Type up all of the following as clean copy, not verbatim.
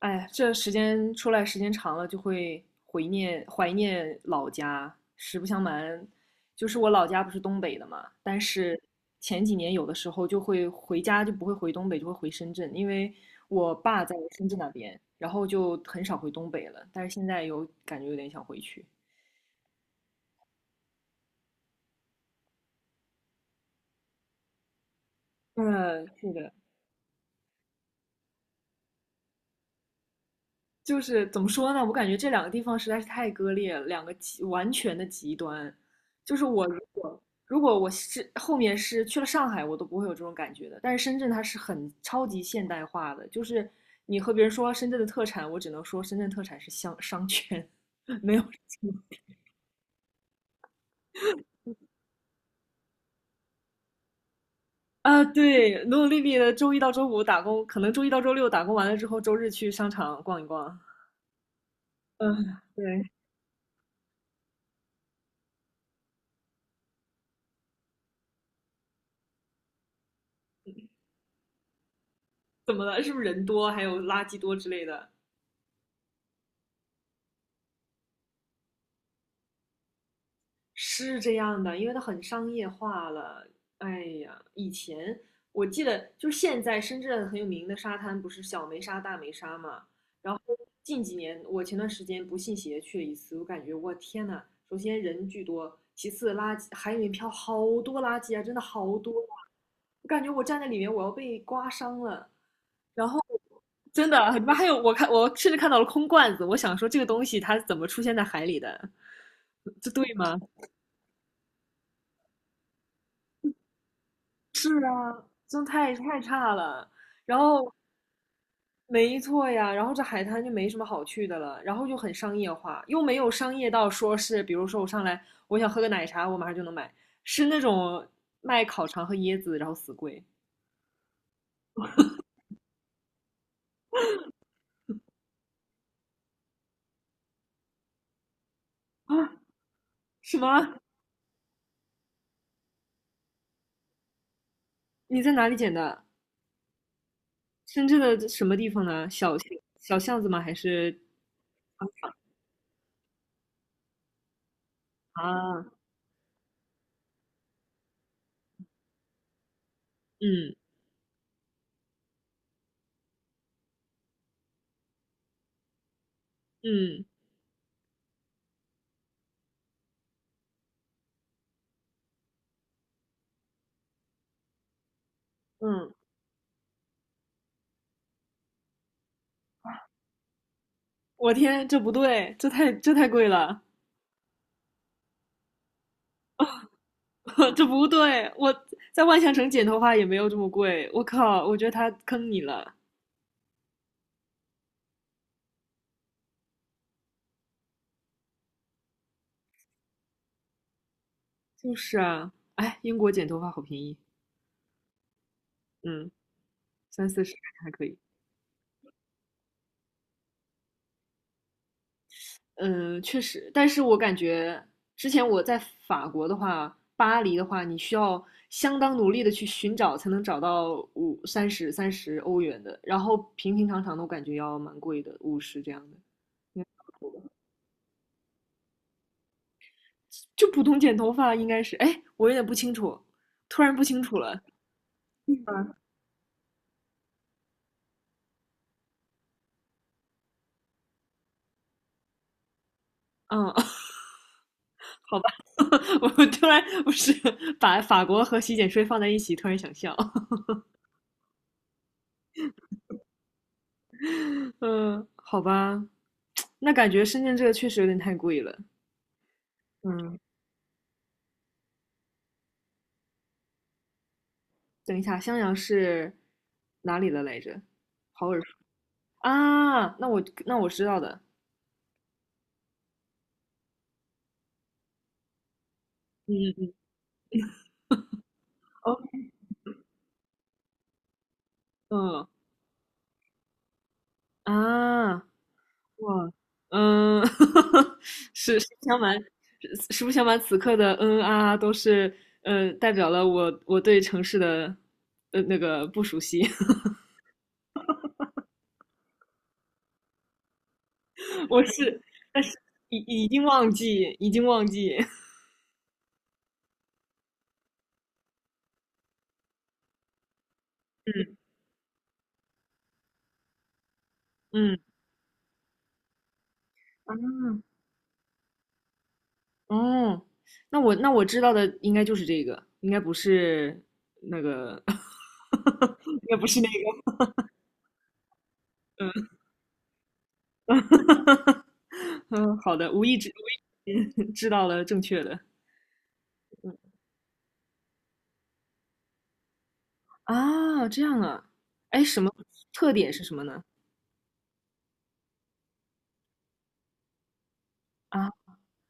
哎，这时间出来时间长了，就会怀念老家。实不相瞒，就是我老家不是东北的嘛，但是前几年有的时候就会回家，就不会回东北，就会回深圳，因为我爸在深圳那边，然后就很少回东北了。但是现在有感觉有点想回去。嗯，是的。就是怎么说呢？我感觉这两个地方实在是太割裂了，两个极完全的极端。就是我如果我是后面是去了上海，我都不会有这种感觉的。但是深圳它是很超级现代化的，就是你和别人说深圳的特产，我只能说深圳特产是香商圈，没有什么啊。对，努努力力的周一到周五打工，可能周一到周六打工完了之后，周日去商场逛一逛。嗯，对，怎么了？是不是人多，还有垃圾多之类的？是这样的，因为它很商业化了。哎呀，以前我记得，就是现在深圳很有名的沙滩不是小梅沙、大梅沙嘛？然后近几年，我前段时间不信邪去了一次，我感觉我天呐，首先人巨多，其次垃圾海里面漂好多垃圾啊，真的好多啊！我感觉我站在里面，我要被刮伤了。然后 真的，里面还有我看，我甚至看到了空罐子，我想说这个东西它怎么出现在海里的？这对吗？真太差了。然后，没错呀，然后这海滩就没什么好去的了，然后就很商业化，又没有商业到说是，比如说我上来我想喝个奶茶，我马上就能买，是那种卖烤肠和椰子，然后死贵啊？什么？你在哪里捡的？深圳的什么地方呢？小巷子吗？还是啊？嗯嗯嗯，我天，这不对，这太贵了。这不对，我在万象城剪头发也没有这么贵。我靠，我觉得他坑你了。就是啊，哎，英国剪头发好便宜，嗯，30到40还可以。嗯，确实，但是我感觉之前我在法国的话，巴黎的话，你需要相当努力的去寻找，才能找到50、30、30欧元的，然后平平常常的，我感觉要蛮贵的，50这样的。就普通剪头发应该是，哎，我有点不清楚，突然不清楚了。嗯，好吧，我突然不是把法国和洗剪吹放在一起，突然想笑。嗯，好吧，那感觉深圳这个确实有点太贵了。嗯，等一下，襄阳是哪里的来着？好耳熟啊！那我知道的。嗯，哦，嗯啊，哇，嗯，实实不相瞒，实不相瞒,此刻的嗯啊啊都是嗯，代表了我对城市的，呃，那个不熟悉。我是，但是已已经忘记，已经忘记。嗯嗯，啊，哦，那我知道的应该就是这个，应该不是那个，应该不是那个。嗯 嗯，好的，无意之间 知道了正确的。啊，这样啊，哎，什么特点是什么呢？啊，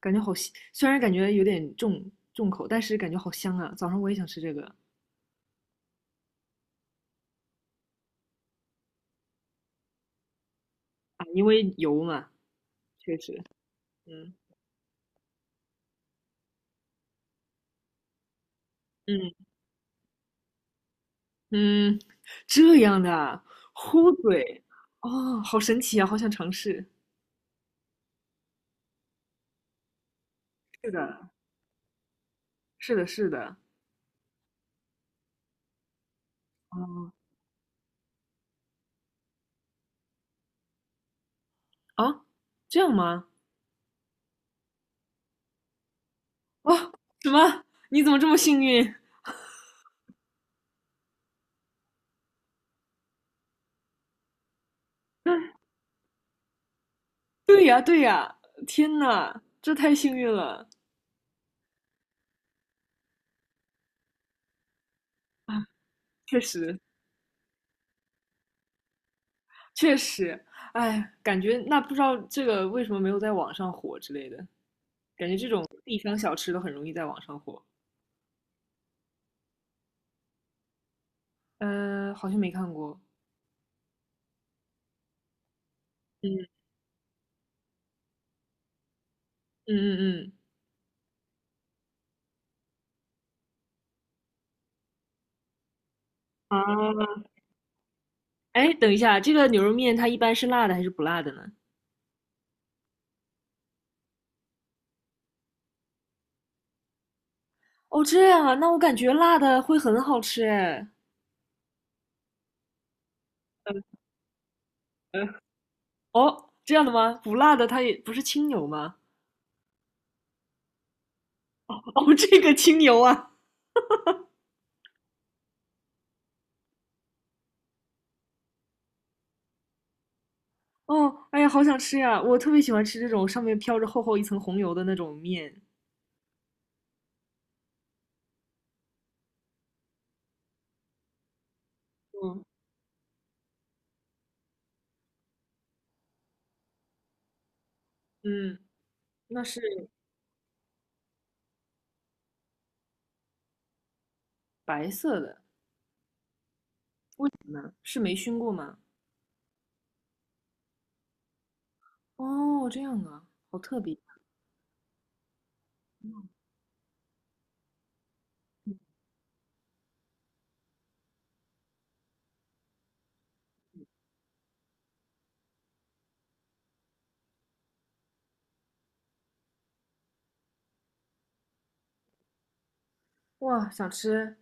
感觉好香，虽然感觉有点重重口，但是感觉好香啊！早上我也想吃这个啊，因为油嘛，确实，嗯嗯嗯，这样的啊，糊嘴，哦，好神奇啊，好想尝试。是的，是的，是的，哦啊，这样吗？哦，什么？你怎么这么幸运？对呀，对呀，天呐，这太幸运了啊！确实，确实，哎，感觉那不知道这个为什么没有在网上火之类的，感觉这种地方小吃都很容易在网上火。呃，好像没看过。嗯嗯嗯嗯。啊，哎，等一下，这个牛肉面它一般是辣的还是不辣的呢？哦，这样啊，那我感觉辣的会很好吃哎。呃，哦，这样的吗？不辣的它也不是清油吗？哦，这个清油啊。哦，哎呀，好想吃呀！我特别喜欢吃这种上面飘着厚厚一层红油的那种面。嗯嗯，那是白色的，为什么呢？是没熏过吗？哦，这样啊，好特别哇！想吃，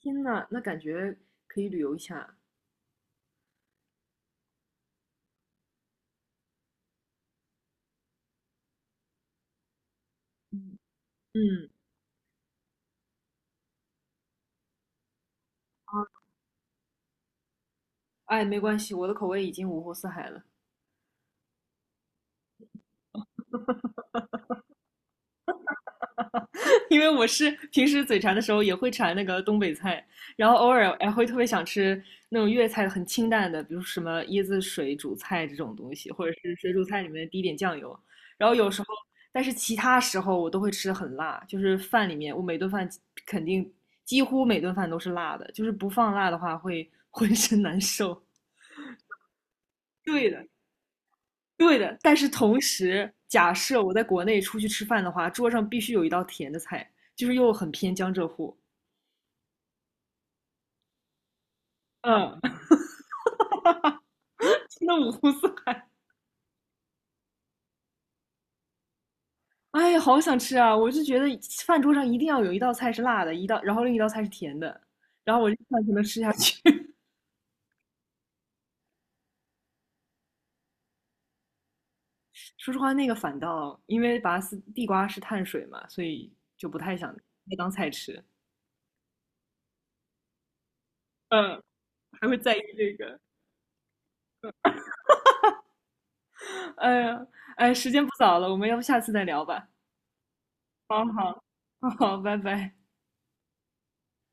天呐，那感觉可以旅游一下。嗯，哎，没关系，我的口味已经五湖四海了。因为我是平时嘴馋的时候也会馋那个东北菜，然后偶尔还会特别想吃那种粤菜很清淡的，比如什么椰子水煮菜这种东西，或者是水煮菜里面滴一点酱油。然后有时候，但是其他时候我都会吃很辣，就是饭里面我每顿饭肯定几乎每顿饭都是辣的，就是不放辣的话会浑身难受。对的，对的。但是同时，假设我在国内出去吃饭的话，桌上必须有一道甜的菜，就是又很偏江浙沪。嗯，那五湖四海。哎呀，好想吃啊！我就觉得饭桌上一定要有一道菜是辣的，一道，然后另一道菜是甜的，然后我这饭才能吃下去。说实话，那个反倒因为拔丝地瓜是碳水嘛，所以就不太想那当菜吃。嗯，还会在意这个。哎呀，哎，时间不早了，我们要不下次再聊吧？好好 好，拜拜。